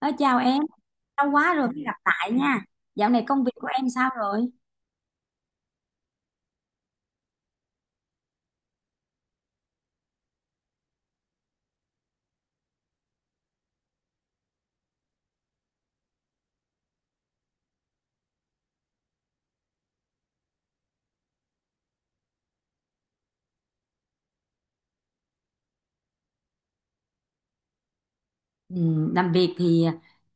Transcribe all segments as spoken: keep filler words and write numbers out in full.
Nói chào em, lâu quá rồi mới gặp lại nha. Dạo này công việc của em sao rồi? Ừ, làm việc thì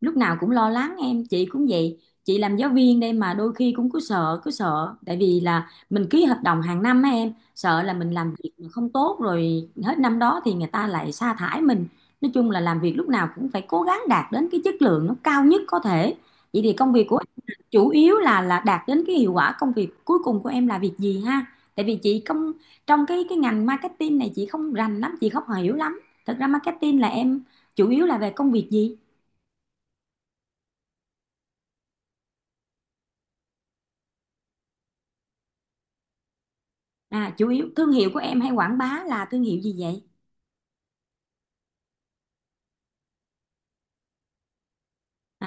lúc nào cũng lo lắng em, chị cũng vậy. Chị làm giáo viên đây mà đôi khi cũng cứ sợ cứ sợ, tại vì là mình ký hợp đồng hàng năm á, em sợ là mình làm việc mà không tốt rồi hết năm đó thì người ta lại sa thải mình. Nói chung là làm việc lúc nào cũng phải cố gắng đạt đến cái chất lượng nó cao nhất có thể. Vậy thì công việc của em chủ yếu là là đạt đến cái hiệu quả công việc, cuối cùng của em là việc gì ha? Tại vì chị không, trong cái cái ngành marketing này chị không rành lắm, chị không hiểu lắm. Thật ra marketing là em chủ yếu là về công việc gì? À, chủ yếu thương hiệu của em hay quảng bá là thương hiệu gì vậy? à,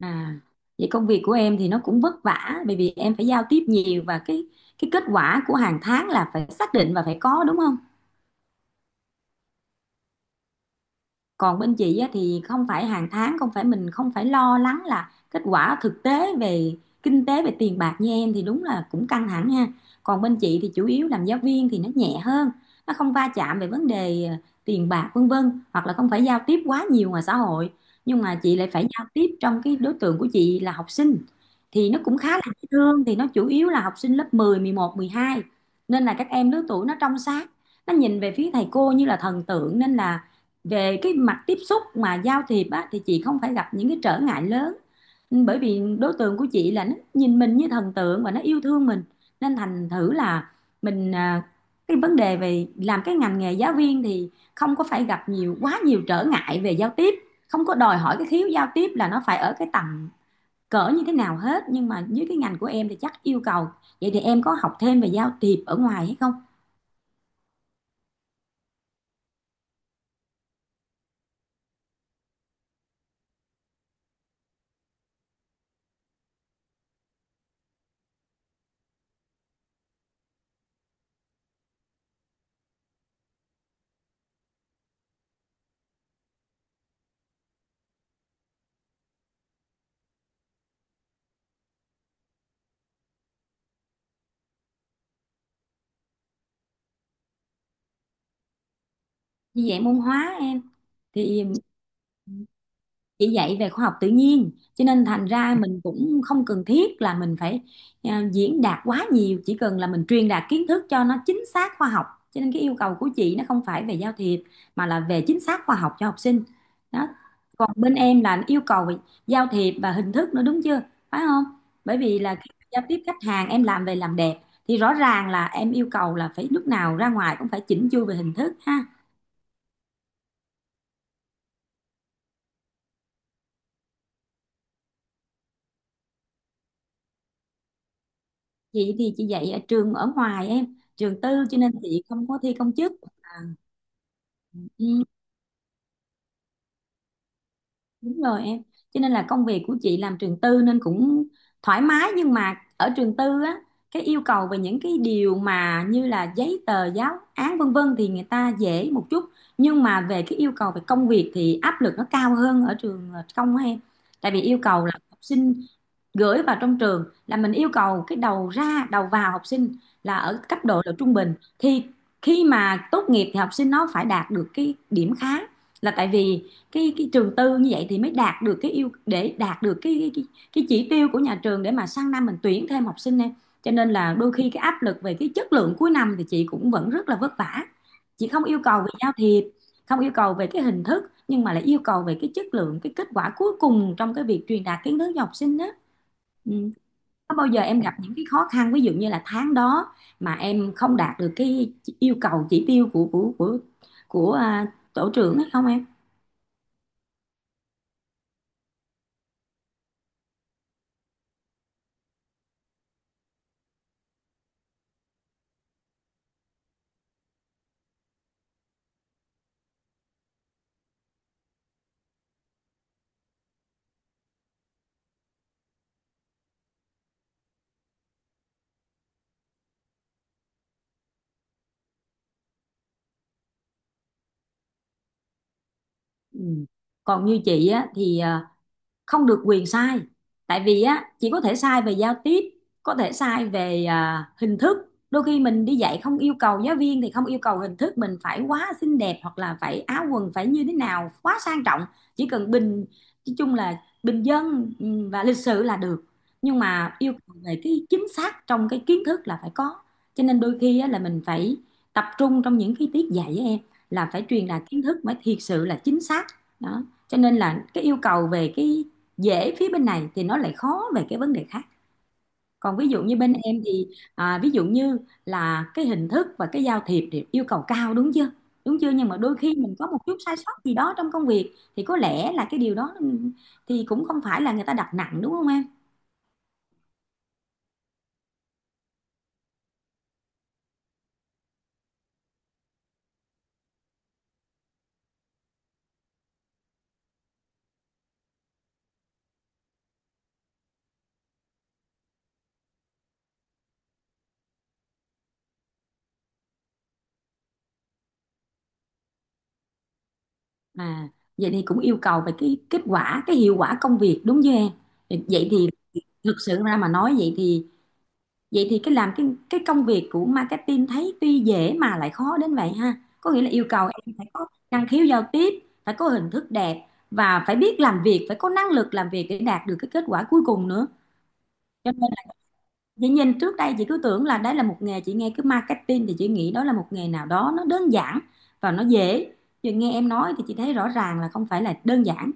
à Vậy công việc của em thì nó cũng vất vả, bởi vì em phải giao tiếp nhiều và cái cái kết quả của hàng tháng là phải xác định và phải có, đúng không? Còn bên chị á, thì không phải hàng tháng, không phải mình, không phải lo lắng là kết quả thực tế về kinh tế, về tiền bạc như em, thì đúng là cũng căng thẳng ha. Còn bên chị thì chủ yếu làm giáo viên thì nó nhẹ hơn, nó không va chạm về vấn đề ờ, tiền bạc vân vân, hoặc là không phải giao tiếp quá nhiều ngoài xã hội. Nhưng mà chị lại phải giao tiếp trong cái đối tượng của chị là học sinh, thì nó cũng khá là dễ thương. Thì nó chủ yếu là học sinh lớp mười, mười một, mười hai, nên là các em lứa tuổi nó trong sáng, nó nhìn về phía thầy cô như là thần tượng, nên là về cái mặt tiếp xúc mà giao thiệp á, thì chị không phải gặp những cái trở ngại lớn. Ừ, bởi vì đối tượng của chị là nó nhìn mình như thần tượng và nó yêu thương mình, nên thành thử là mình, à, cái vấn đề về làm cái ngành nghề giáo viên thì không có phải gặp nhiều, quá nhiều trở ngại về giao tiếp, không có đòi hỏi cái khiếu giao tiếp là nó phải ở cái tầm cỡ như thế nào hết. Nhưng mà dưới cái ngành của em thì chắc yêu cầu. Vậy thì em có học thêm về giao tiếp ở ngoài hay không? Như vậy môn hóa em, thì chỉ dạy về khoa học tự nhiên, cho nên thành ra mình cũng không cần thiết là mình phải, à, diễn đạt quá nhiều, chỉ cần là mình truyền đạt kiến thức cho nó chính xác khoa học. Cho nên cái yêu cầu của chị nó không phải về giao thiệp, mà là về chính xác khoa học cho học sinh đó. Còn bên em là yêu cầu về giao thiệp và hình thức nữa, đúng chưa, phải không? Bởi vì là khi giao tiếp khách hàng, em làm về làm đẹp, thì rõ ràng là em yêu cầu là phải lúc nào ra ngoài cũng phải chỉnh chu về hình thức ha. Chị thì chị dạy ở trường ở ngoài em, trường tư, cho nên chị không có thi công chức. Ừ, đúng rồi em. Cho nên là công việc của chị làm trường tư nên cũng thoải mái, nhưng mà ở trường tư á, cái yêu cầu về những cái điều mà như là giấy tờ, giáo án vân vân thì người ta dễ một chút, nhưng mà về cái yêu cầu về công việc thì áp lực nó cao hơn ở trường công á em. Tại vì yêu cầu là học sinh gửi vào trong trường là mình yêu cầu cái đầu ra đầu vào học sinh là ở cấp độ là trung bình, thì khi mà tốt nghiệp thì học sinh nó phải đạt được cái điểm khá. Là tại vì cái cái trường tư như vậy thì mới đạt được cái yêu, để đạt được cái cái cái, chỉ tiêu của nhà trường để mà sang năm mình tuyển thêm học sinh em. Cho nên là đôi khi cái áp lực về cái chất lượng cuối năm thì chị cũng vẫn rất là vất vả. Chị không yêu cầu về giao thiệp, không yêu cầu về cái hình thức, nhưng mà lại yêu cầu về cái chất lượng, cái kết quả cuối cùng trong cái việc truyền đạt kiến thức cho học sinh đó. Ừ. Có bao giờ em gặp những cái khó khăn ví dụ như là tháng đó mà em không đạt được cái yêu cầu chỉ tiêu của của của của à, tổ trưởng ấy không em? Ừ. Còn như chị á thì à, không được quyền sai. Tại vì á, chỉ có thể sai về giao tiếp, có thể sai về à, hình thức. Đôi khi mình đi dạy không yêu cầu giáo viên, thì không yêu cầu hình thức mình phải quá xinh đẹp, hoặc là phải áo quần phải như thế nào quá sang trọng, chỉ cần bình, nói chung là bình dân, ừ, và lịch sự là được. Nhưng mà yêu cầu về cái chính xác trong cái kiến thức là phải có. Cho nên đôi khi á, là mình phải tập trung trong những cái tiết dạy với em, là phải truyền đạt kiến thức mới thiệt sự là chính xác đó. Cho nên là cái yêu cầu về cái dễ phía bên này thì nó lại khó về cái vấn đề khác. Còn ví dụ như bên em thì à, ví dụ như là cái hình thức và cái giao thiệp thì yêu cầu cao, đúng chưa, đúng chưa? Nhưng mà đôi khi mình có một chút sai sót gì đó trong công việc, thì có lẽ là cái điều đó thì cũng không phải là người ta đặt nặng, đúng không em? À, vậy thì cũng yêu cầu về cái kết quả, cái hiệu quả công việc, đúng chưa em? Vậy thì thực sự ra mà nói, vậy thì, vậy thì cái làm cái cái công việc của marketing thấy tuy dễ mà lại khó đến vậy ha. Có nghĩa là yêu cầu em phải có năng khiếu giao tiếp, phải có hình thức đẹp và phải biết làm việc, phải có năng lực làm việc để đạt được cái kết quả cuối cùng nữa. Cho nên chị nhìn trước đây chị cứ tưởng là đấy là một nghề, chị nghe cứ marketing thì chị nghĩ đó là một nghề nào đó nó đơn giản và nó dễ. Giờ nghe em nói thì chị thấy rõ ràng là không phải là đơn giản,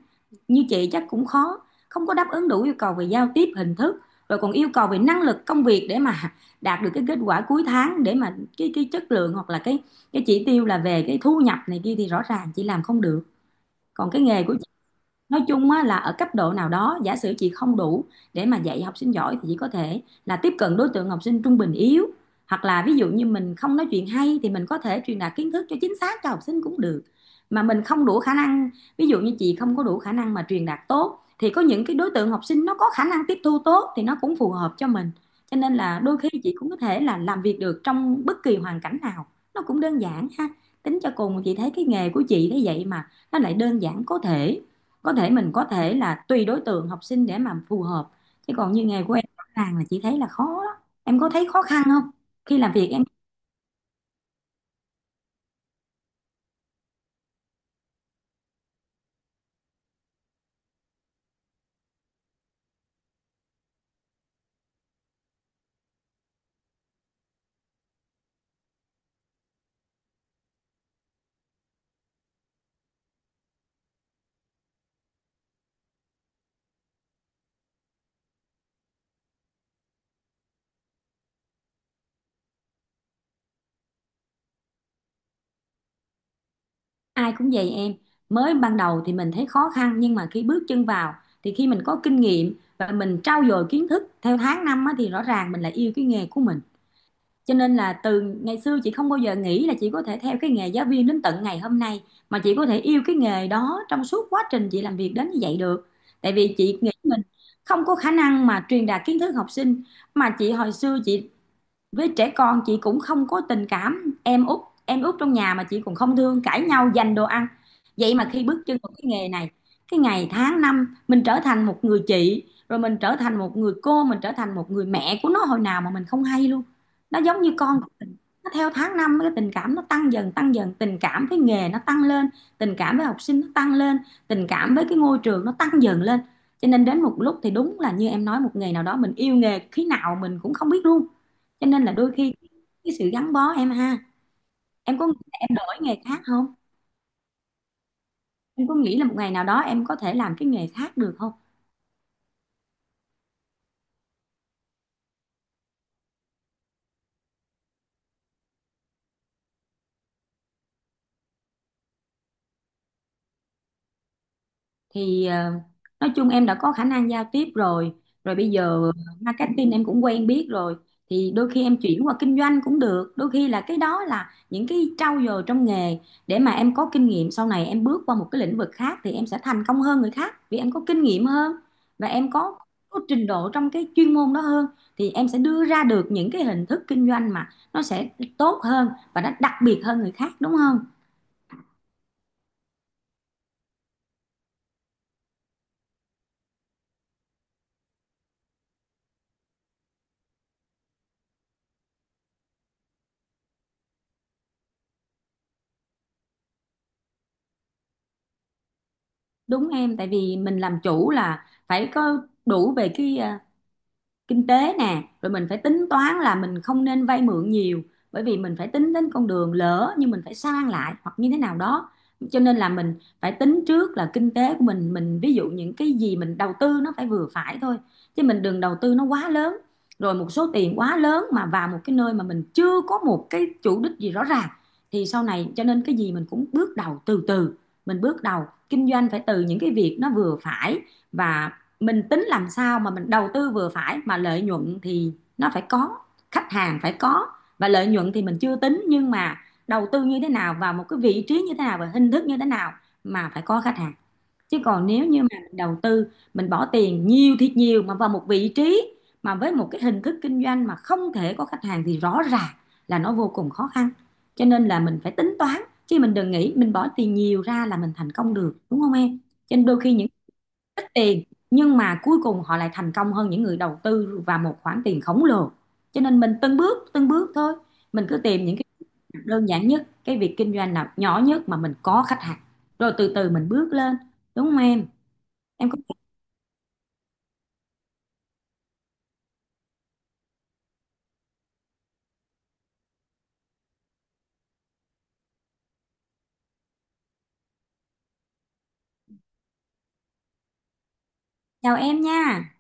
như chị chắc cũng khó, không có đáp ứng đủ yêu cầu về giao tiếp, hình thức, rồi còn yêu cầu về năng lực công việc để mà đạt được cái kết quả cuối tháng, để mà cái cái chất lượng hoặc là cái cái chỉ tiêu là về cái thu nhập này kia, thì rõ ràng chị làm không được. Còn cái nghề của, nói chung á, là ở cấp độ nào đó giả sử chị không đủ để mà dạy học sinh giỏi, thì chị có thể là tiếp cận đối tượng học sinh trung bình yếu, hoặc là ví dụ như mình không nói chuyện hay thì mình có thể truyền đạt kiến thức cho chính xác cho học sinh cũng được. Mà mình không đủ khả năng, ví dụ như chị không có đủ khả năng mà truyền đạt tốt, thì có những cái đối tượng học sinh nó có khả năng tiếp thu tốt thì nó cũng phù hợp cho mình. Cho nên là đôi khi chị cũng có thể là làm việc được trong bất kỳ hoàn cảnh nào, nó cũng đơn giản ha. Tính cho cùng chị thấy cái nghề của chị thế vậy mà nó lại đơn giản, có thể, có thể mình, có thể là tùy đối tượng học sinh để mà phù hợp. Chứ còn như nghề của em rõ ràng là chị thấy là khó lắm. Em có thấy khó khăn không khi làm việc em? Ai cũng vậy em, mới ban đầu thì mình thấy khó khăn, nhưng mà khi bước chân vào, thì khi mình có kinh nghiệm và mình trau dồi kiến thức theo tháng năm á, thì rõ ràng mình lại yêu cái nghề của mình. Cho nên là từ ngày xưa chị không bao giờ nghĩ là chị có thể theo cái nghề giáo viên đến tận ngày hôm nay, mà chị có thể yêu cái nghề đó trong suốt quá trình chị làm việc đến như vậy được. Tại vì chị nghĩ mình không có khả năng mà truyền đạt kiến thức học sinh. Mà chị hồi xưa chị, với trẻ con chị cũng không có tình cảm. Em út, em út trong nhà mà chị cũng không thương, cãi nhau giành đồ ăn. Vậy mà khi bước chân vào cái nghề này, cái ngày tháng năm mình trở thành một người chị, rồi mình trở thành một người cô, mình trở thành một người mẹ của nó hồi nào mà mình không hay luôn. Nó giống như con của mình, nó theo tháng năm cái tình cảm nó tăng dần tăng dần, tình cảm với nghề nó tăng lên, tình cảm với học sinh nó tăng lên, tình cảm với cái ngôi trường nó tăng dần lên. Cho nên đến một lúc thì đúng là như em nói, một ngày nào đó mình yêu nghề khi nào mình cũng không biết luôn. Cho nên là đôi khi cái sự gắn bó, em ha. Em có nghĩ là em đổi nghề khác không? Em có nghĩ là một ngày nào đó em có thể làm cái nghề khác được không? Thì ờ, nói chung em đã có khả năng giao tiếp rồi, rồi bây giờ marketing em cũng quen biết rồi, thì đôi khi em chuyển qua kinh doanh cũng được. Đôi khi là cái đó là những cái trau dồi trong nghề để mà em có kinh nghiệm, sau này em bước qua một cái lĩnh vực khác thì em sẽ thành công hơn người khác vì em có kinh nghiệm hơn và em có, có trình độ trong cái chuyên môn đó hơn, thì em sẽ đưa ra được những cái hình thức kinh doanh mà nó sẽ tốt hơn và nó đặc biệt hơn người khác, đúng không? Đúng em, tại vì mình làm chủ là phải có đủ về cái ờ, kinh tế nè, rồi mình phải tính toán là mình không nên vay mượn nhiều, bởi vì mình phải tính đến con đường lỡ như mình phải sang lại hoặc như thế nào đó. Cho nên là mình phải tính trước là kinh tế của mình mình ví dụ những cái gì mình đầu tư nó phải vừa phải thôi, chứ mình đừng đầu tư nó quá lớn, rồi một số tiền quá lớn mà vào một cái nơi mà mình chưa có một cái chủ đích gì rõ ràng thì sau này. Cho nên cái gì mình cũng bước đầu từ từ, mình bước đầu kinh doanh phải từ những cái việc nó vừa phải, và mình tính làm sao mà mình đầu tư vừa phải mà lợi nhuận thì nó phải có, khách hàng phải có. Và lợi nhuận thì mình chưa tính, nhưng mà đầu tư như thế nào vào một cái vị trí như thế nào và hình thức như thế nào mà phải có khách hàng. Chứ còn nếu như mà mình đầu tư, mình bỏ tiền nhiều thiệt nhiều mà vào một vị trí mà với một cái hình thức kinh doanh mà không thể có khách hàng, thì rõ ràng là nó vô cùng khó khăn. Cho nên là mình phải tính toán, chứ mình đừng nghĩ mình bỏ tiền nhiều ra là mình thành công được, đúng không em? Cho nên đôi khi những ít tiền nhưng mà cuối cùng họ lại thành công hơn những người đầu tư và một khoản tiền khổng lồ. Cho nên mình từng bước từng bước thôi, mình cứ tìm những cái việc đơn giản nhất, cái việc kinh doanh nào nhỏ nhất mà mình có khách hàng, rồi từ từ mình bước lên, đúng không em? Em cứ. Chào em nha.